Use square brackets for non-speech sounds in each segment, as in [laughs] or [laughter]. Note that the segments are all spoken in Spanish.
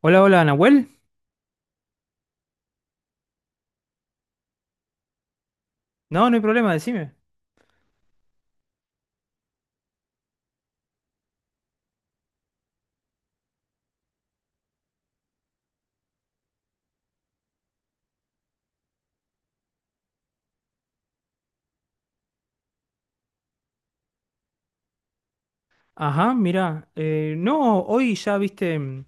Hola, hola, Nahuel. No, no hay problema, decime. Ajá, mira, no, hoy ya viste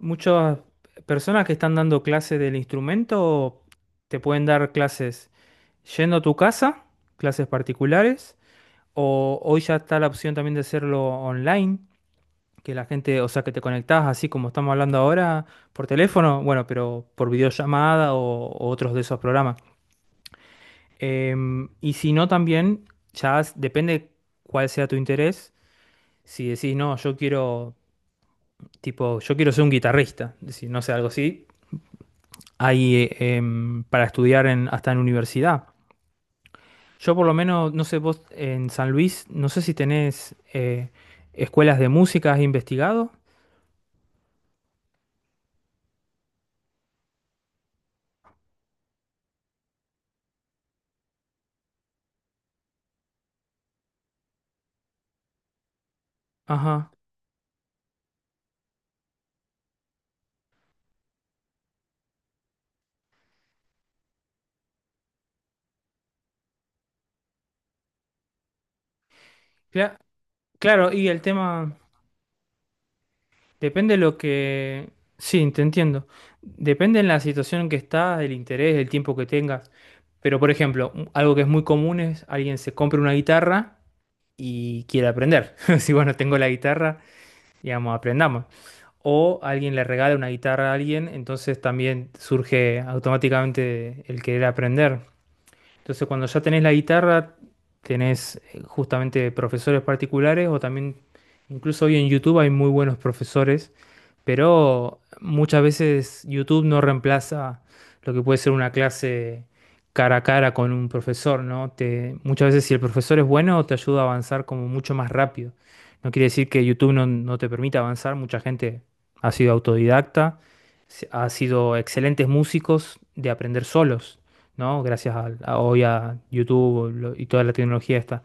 muchas personas que están dando clases del instrumento, te pueden dar clases yendo a tu casa, clases particulares, o hoy ya está la opción también de hacerlo online, que la gente, o sea, que te conectás así como estamos hablando ahora por teléfono, bueno, pero por videollamada o otros de esos programas. Y si no, también depende cuál sea tu interés. Si decís, no, yo quiero, tipo, yo quiero ser un guitarrista, si no sé, algo así, hay para estudiar en, hasta en universidad. Yo por lo menos, no sé, vos en San Luis, no sé si tenés escuelas de música, ¿has investigado? Ajá. Cla- claro, y el tema, depende de lo que... Sí, te entiendo. Depende en la situación en que estás, el interés, el tiempo que tengas. Pero por ejemplo, algo que es muy común es alguien se compra una guitarra y quiere aprender. [laughs] Si bueno, tengo la guitarra, digamos, aprendamos. O alguien le regala una guitarra a alguien, entonces también surge automáticamente el querer aprender. Entonces, cuando ya tenés la guitarra, tenés justamente profesores particulares o también, incluso hoy en YouTube hay muy buenos profesores, pero muchas veces YouTube no reemplaza lo que puede ser una clase cara a cara con un profesor, ¿no? Te, muchas veces si el profesor es bueno, te ayuda a avanzar como mucho más rápido. No quiere decir que YouTube no te permita avanzar, mucha gente ha sido autodidacta, ha sido excelentes músicos de aprender solos. ¿No? Gracias hoy a YouTube y toda la tecnología esta.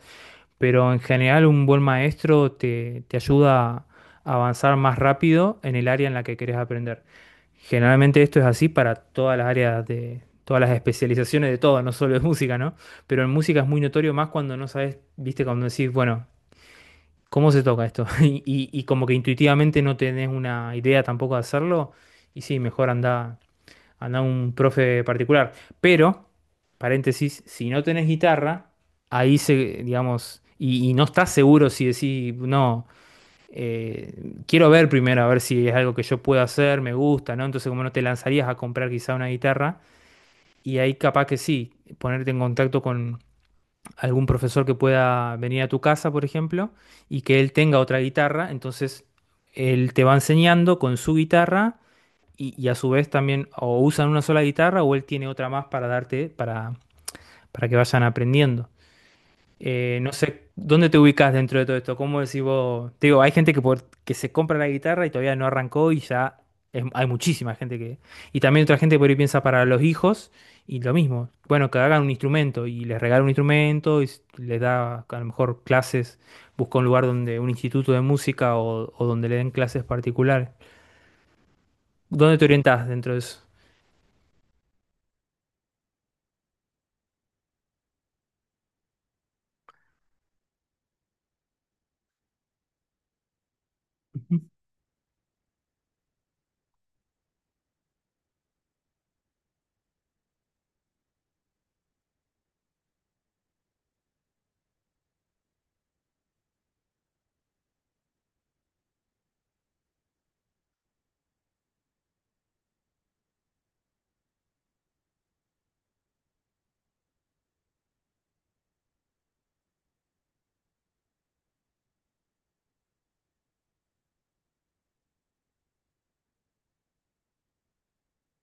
Pero en general un buen maestro te ayuda a avanzar más rápido en el área en la que querés aprender. Generalmente esto es así para todas las áreas de, todas las especializaciones de todo, no solo de música, ¿no? Pero en música es muy notorio más cuando no sabes, viste, cuando decís, bueno, ¿cómo se toca esto? [laughs] Y como que intuitivamente no tenés una idea tampoco de hacerlo, y sí, mejor anda un profe particular. Pero, paréntesis, si no tenés guitarra, ahí se, digamos, y no estás seguro si decís, no, quiero ver primero a ver si es algo que yo puedo hacer, me gusta, ¿no? Entonces, como no te lanzarías a comprar quizá una guitarra, y ahí capaz que sí, ponerte en contacto con algún profesor que pueda venir a tu casa, por ejemplo, y que él tenga otra guitarra, entonces él te va enseñando con su guitarra y a su vez también o usan una sola guitarra o él tiene otra más para darte, para que vayan aprendiendo. No sé, ¿dónde te ubicas dentro de todo esto? ¿Cómo decís vos? Te digo, hay gente que, que se compra la guitarra y todavía no arrancó y ya hay muchísima gente que... Y también otra gente que por ahí piensa para los hijos y lo mismo. Bueno, que hagan un instrumento y les regala un instrumento y les da a lo mejor clases, busca un lugar donde, un instituto de música o donde le den clases particulares. ¿Dónde te orientás dentro de eso? Ujú.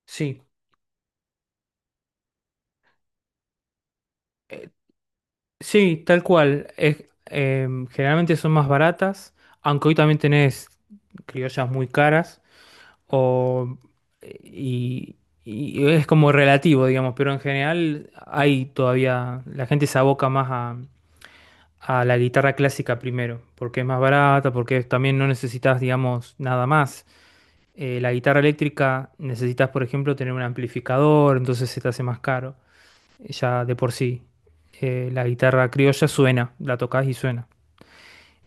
Sí. Eh, sí, tal cual. Generalmente son más baratas, aunque hoy también tenés criollas muy caras, o, y, y es como relativo, digamos, pero en general hay todavía, la gente se aboca más a la guitarra clásica primero, porque es más barata, porque también no necesitas, digamos, nada más. La guitarra eléctrica necesitas, por ejemplo, tener un amplificador, entonces se te hace más caro ya de por sí. La guitarra criolla suena, la tocas y suena.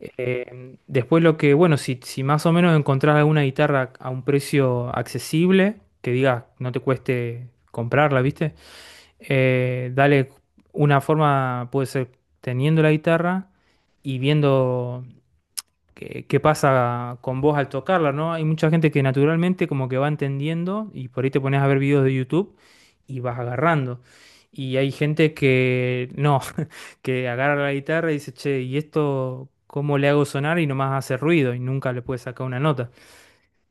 Después lo que, bueno, si más o menos encontrás alguna guitarra a un precio accesible, que diga, no te cueste comprarla, ¿viste? Dale una forma, puede ser teniendo la guitarra y viendo que pasa con vos al tocarla, ¿no? Hay mucha gente que naturalmente como que va entendiendo y por ahí te pones a ver videos de YouTube y vas agarrando. Y hay gente que no, [laughs] que agarra la guitarra y dice, che, ¿y esto cómo le hago sonar? Y nomás hace ruido y nunca le puede sacar una nota.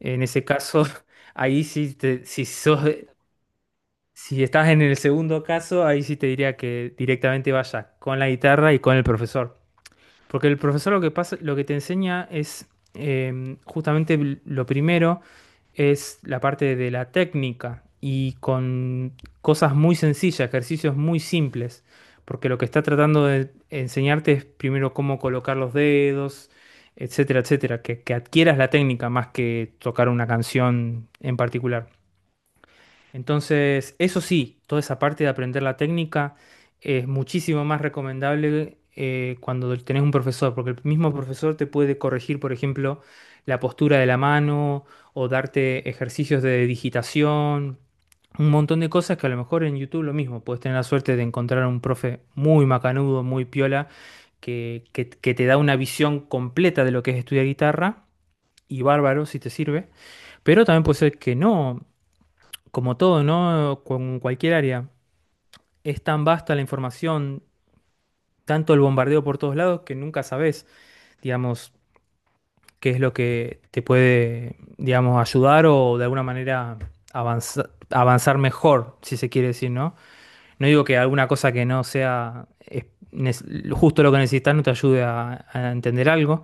En ese caso, [laughs] ahí sí, si sos, si estás en el segundo caso, ahí sí te diría que directamente vayas con la guitarra y con el profesor. Porque el profesor lo que pasa, lo que te enseña es justamente lo primero es la parte de la técnica y con cosas muy sencillas, ejercicios muy simples. Porque lo que está tratando de enseñarte es primero cómo colocar los dedos, etcétera, etcétera. Que adquieras la técnica más que tocar una canción en particular. Entonces, eso sí, toda esa parte de aprender la técnica es muchísimo más recomendable cuando tenés un profesor, porque el mismo profesor te puede corregir, por ejemplo, la postura de la mano o darte ejercicios de digitación, un montón de cosas que a lo mejor en YouTube lo mismo, puedes tener la suerte de encontrar un profe muy macanudo, muy piola, que que te da una visión completa de lo que es estudiar guitarra, y bárbaro si te sirve. Pero también puede ser que no como todo, ¿no? Con cualquier área, es tan vasta la información, tanto el bombardeo por todos lados, que nunca sabes, digamos, qué es lo que te puede, digamos, ayudar o de alguna manera avanzar, avanzar mejor, si se quiere decir, ¿no? No digo que alguna cosa que no sea justo lo que necesitas no te ayude a entender algo,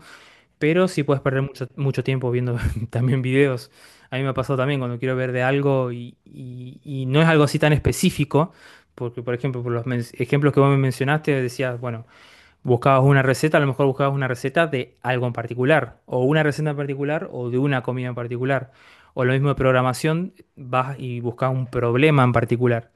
pero sí puedes perder mucho, mucho tiempo viendo [laughs] también videos. A mí me ha pasado también cuando quiero ver de algo y no es algo así tan específico, porque por ejemplo, por los ejemplos que vos me mencionaste, decías, bueno, buscabas una receta, a lo mejor buscabas una receta de algo en particular, o una receta en particular, o de una comida en particular. O lo mismo de programación, vas y buscas un problema en particular.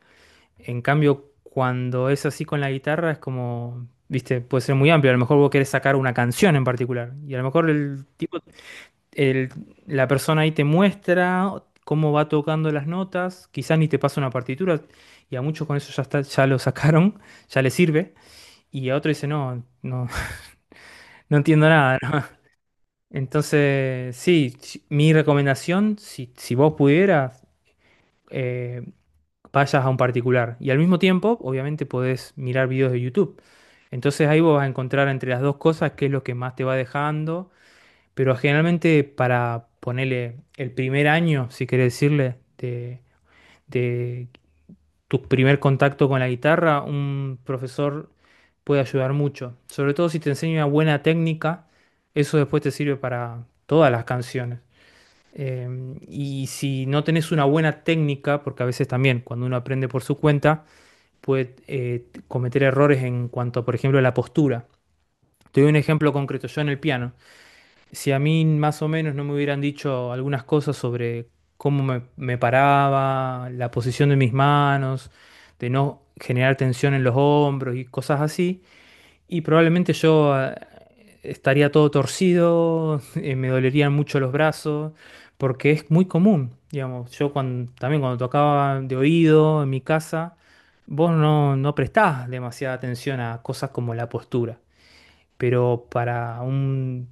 En cambio, cuando es así con la guitarra, es como, viste, puede ser muy amplio. A lo mejor vos querés sacar una canción en particular. Y a lo mejor el tipo, el- la persona ahí te muestra cómo va tocando las notas. Quizás ni te pasa una partitura. Y a muchos con eso ya está, ya lo sacaron, [laughs] ya les sirve. Y a otro dice, no, no, [laughs] no entiendo nada. ¿No? Entonces, sí, mi recomendación, si vos pudieras, eh, pasas a un particular. Y al mismo tiempo, obviamente, podés mirar videos de YouTube. Entonces ahí vos vas a encontrar entre las dos cosas qué es lo que más te va dejando. Pero generalmente para ponerle el primer año, si querés decirle, de tu primer contacto con la guitarra, un profesor puede ayudar mucho. Sobre todo si te enseña una buena técnica, eso después te sirve para todas las canciones. Y si no tenés una buena técnica, porque a veces también cuando uno aprende por su cuenta, puede cometer errores en cuanto a, por ejemplo, la postura. Te doy un ejemplo concreto, yo en el piano. Si a mí más o menos no me hubieran dicho algunas cosas sobre cómo me paraba, la posición de mis manos, de no generar tensión en los hombros y cosas así, y probablemente yo estaría todo torcido, [laughs] me dolerían mucho los brazos, porque es muy común, digamos. Yo cuando, también cuando tocaba de oído en mi casa, vos no prestás demasiada atención a cosas como la postura, pero para un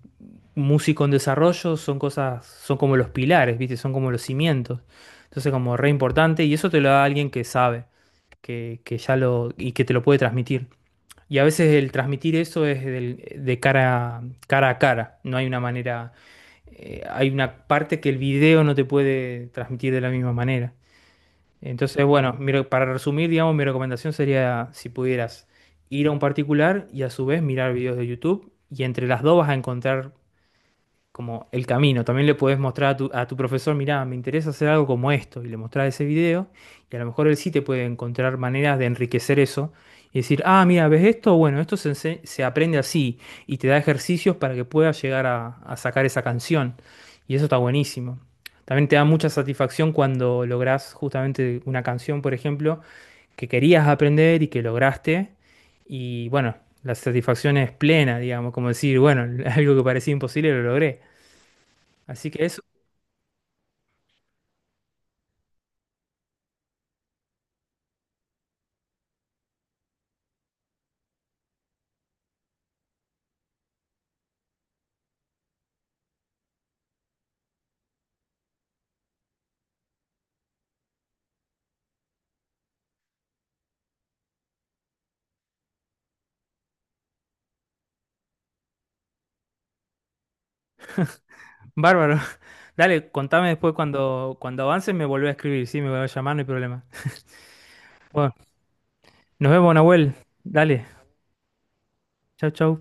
músico en desarrollo son cosas, son como los pilares, ¿viste? Son como los cimientos. Entonces como re importante y eso te lo da alguien que sabe, que ya lo, y que te lo puede transmitir. Y a veces el transmitir eso es de cara, cara a cara. No hay una manera, hay una parte que el video no te puede transmitir de la misma manera. Entonces, bueno, mi para resumir, digamos, mi recomendación sería si pudieras ir a un particular y a su vez mirar videos de YouTube y entre las dos vas a encontrar como el camino. También le puedes mostrar a tu profesor, mirá, me interesa hacer algo como esto, y le mostrás ese video, y a lo mejor él sí te puede encontrar maneras de enriquecer eso y decir, ah, mira, ¿ves esto? Bueno, esto se, se aprende así, y te da ejercicios para que puedas llegar a sacar esa canción, y eso está buenísimo. También te da mucha satisfacción cuando lográs justamente una canción, por ejemplo, que querías aprender y que lograste. Y bueno, la satisfacción es plena, digamos, como decir, bueno, [laughs] algo que parecía imposible lo logré. Así que eso, bárbaro. [laughs] Dale, contame después cuando avances me volvés a escribir, sí, me voy a llamar, no hay problema. Bueno, nos vemos, Nahuel. Dale, chau, chau.